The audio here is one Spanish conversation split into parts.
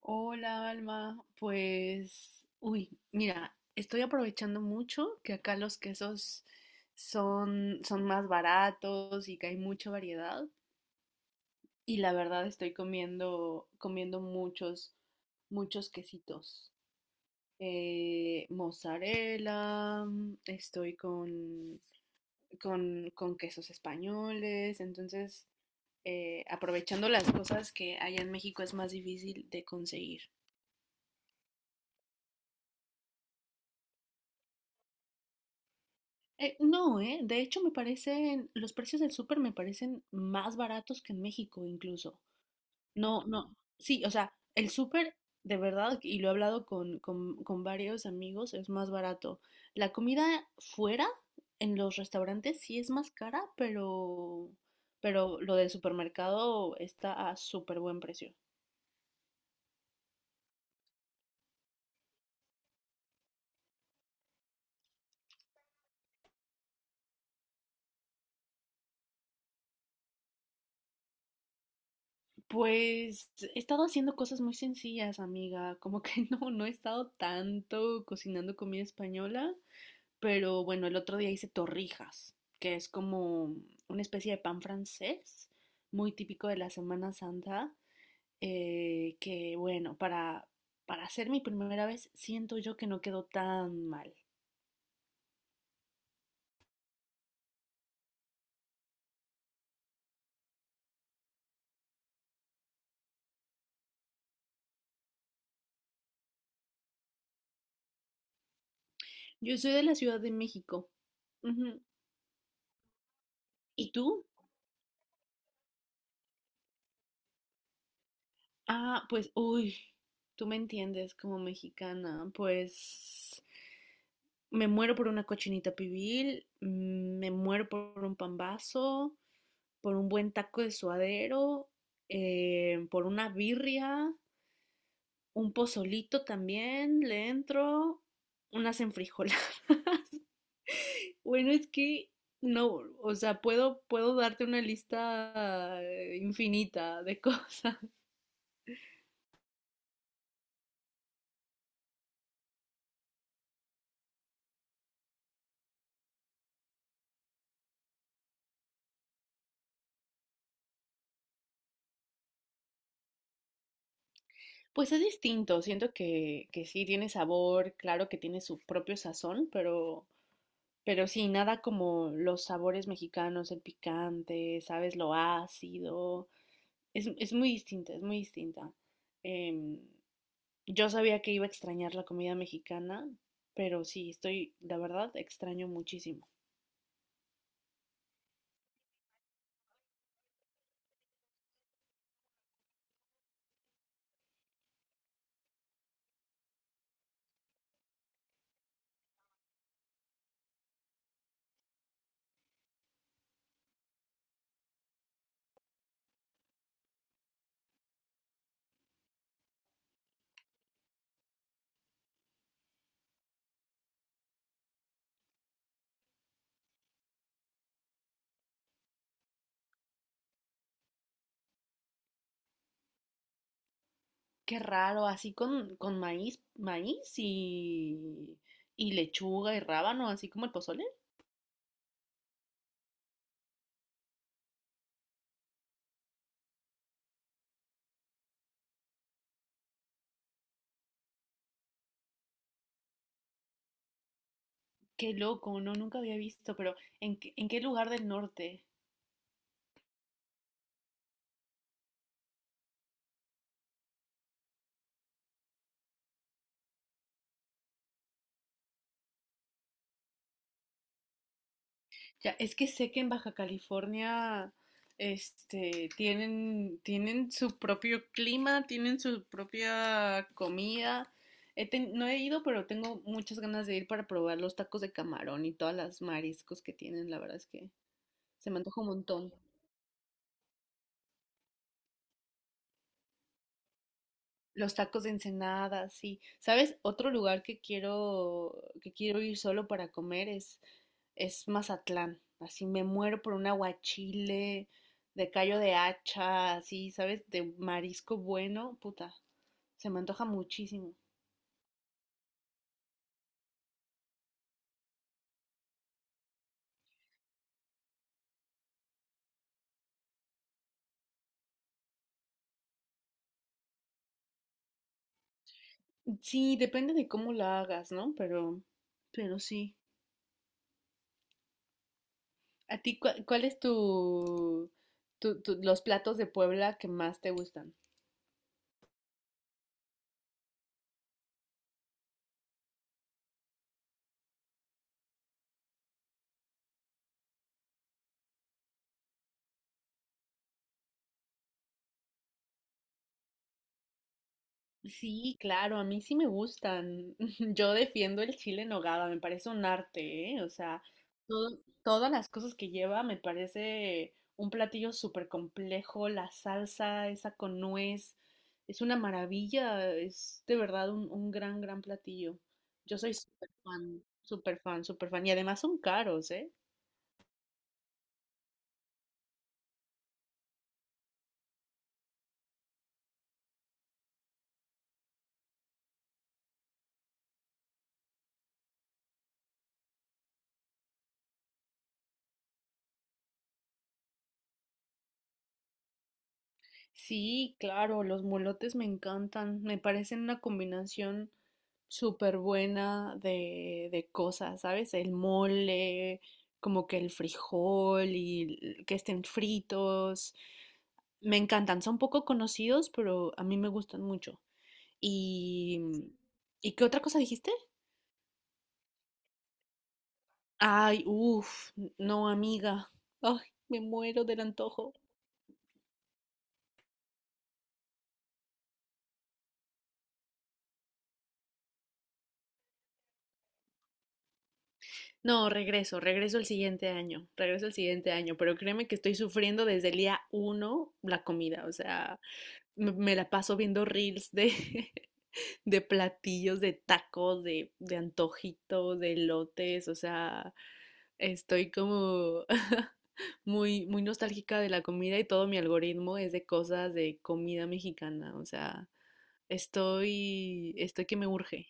Hola, Alma. Pues, uy, mira, estoy aprovechando mucho que acá los quesos son más baratos y que hay mucha variedad. Y la verdad estoy comiendo muchos quesitos. Mozzarella, estoy con quesos españoles. Entonces, aprovechando las cosas que allá en México es más difícil de conseguir. No, ¿eh? De hecho, los precios del súper me parecen más baratos que en México incluso. No, no, sí, o sea, el súper, de verdad, y lo he hablado con varios amigos, es más barato. La comida fuera, en los restaurantes, sí es más cara, pero lo del supermercado está a súper buen precio. Pues he estado haciendo cosas muy sencillas, amiga, como que no, no he estado tanto cocinando comida española. Pero bueno, el otro día hice torrijas, que es como una especie de pan francés, muy típico de la Semana Santa, que bueno, para hacer mi primera vez siento yo que no quedó tan mal. Yo soy de la Ciudad de México. Ujú. ¿Y tú? Ah, pues, uy, tú me entiendes como mexicana, pues me muero por una cochinita pibil, me muero por un pambazo, por un buen taco de suadero, por una birria, un pozolito también, le entro, unas enfrijoladas. Bueno, es que no, o sea, puedo darte una lista infinita de cosas. Pues es distinto, siento que sí tiene sabor, claro que tiene su propio sazón, pero sí, nada como los sabores mexicanos, el picante, sabes, lo ácido, es muy distinta, es muy distinta. Em, yo sabía que iba a extrañar la comida mexicana, pero sí, la verdad, extraño muchísimo. Qué raro, así con maíz y lechuga y rábano, así como el pozole. Qué loco, no, nunca había visto, pero en qué lugar del norte? Ya, es que sé que en Baja California, este, tienen su propio clima, tienen su propia comida. No he ido, pero tengo muchas ganas de ir para probar los tacos de camarón y todas las mariscos que tienen. La verdad es que se me antoja un montón. Los tacos de Ensenada, sí. ¿Sabes? Otro lugar que quiero ir solo para comer es Mazatlán. Así me muero por un aguachile de callo de hacha, así, ¿sabes? De marisco bueno, puta. Se me antoja muchísimo. Sí, depende de cómo la hagas, ¿no? Pero sí. ¿A ti cuál es los platos de Puebla que más te gustan? Sí, claro, a mí sí me gustan. Yo defiendo el chile en nogada, me parece un arte, ¿eh? O sea, todas las cosas que lleva me parece un platillo súper complejo, la salsa esa con nuez, es una maravilla, es de verdad un gran, gran platillo. Yo soy súper fan, súper fan, súper fan. Y además son caros, ¿eh? Sí, claro, los molotes me encantan, me parecen una combinación súper buena de cosas, ¿sabes? El mole, como que el frijol y que estén fritos, me encantan, son poco conocidos, pero a mí me gustan mucho. ¿Y, ¿y qué otra cosa dijiste? Ay, uff, no, amiga, ay, me muero del antojo. No, regreso el siguiente año, regreso el siguiente año, pero créeme que estoy sufriendo desde el día uno la comida, o sea, me la paso viendo reels de, de platillos, de tacos, de antojitos, de lotes, o sea, estoy como muy, muy nostálgica de la comida y todo mi algoritmo es de cosas de comida mexicana, o sea, estoy que me urge.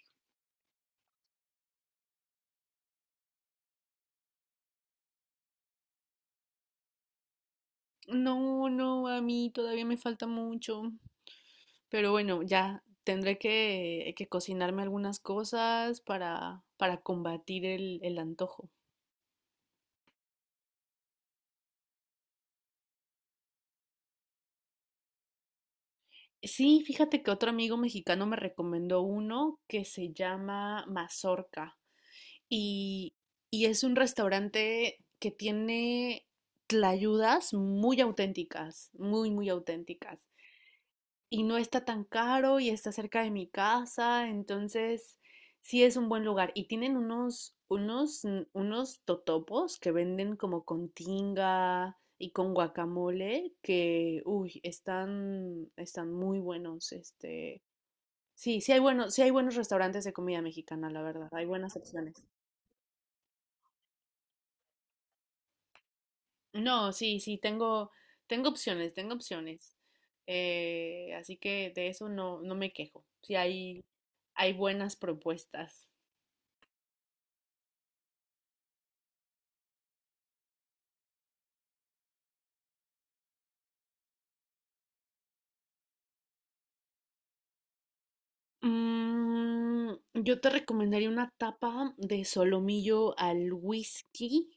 No, no, a mí todavía me falta mucho. Pero bueno, ya tendré que cocinarme algunas cosas para combatir el antojo. Sí, fíjate que otro amigo mexicano me recomendó uno que se llama Mazorca y, y es un restaurante que tiene tlayudas muy auténticas, muy, muy auténticas. Y no está tan caro y está cerca de mi casa, entonces sí es un buen lugar. Y tienen unos totopos que venden como con tinga y con guacamole que, uy, están muy buenos, este. Sí, sí hay buenos restaurantes de comida mexicana, la verdad, hay buenas opciones. No, sí, sí, tengo opciones, tengo opciones. Así que de eso no, no me quejo. Sí hay buenas propuestas. Yo te recomendaría una tapa de solomillo al whisky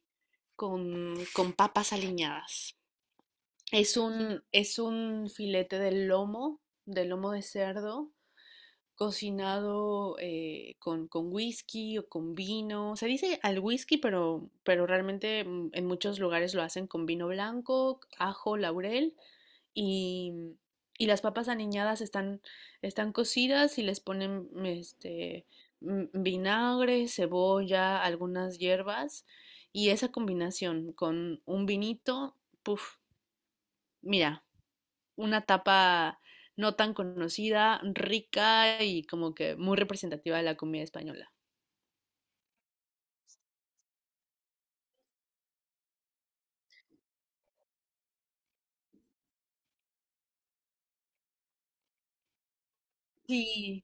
con papas aliñadas. Es un filete de lomo, de cerdo, cocinado con whisky o con vino. Se dice al whisky, pero realmente en muchos lugares lo hacen con vino blanco, ajo, laurel y, mm, y las papas aniñadas están cocidas y les ponen este, vinagre, cebolla, algunas hierbas y esa combinación con un vinito, puff, mira una tapa no tan conocida, rica y como que muy representativa de la comida española. Sí.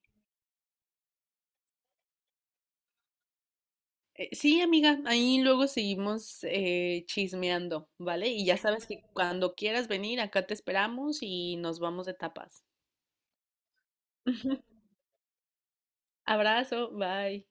Sí, amiga, ahí luego seguimos chismeando, ¿vale? Y ya sabes que cuando quieras venir, acá te esperamos y nos vamos de tapas. Abrazo, bye.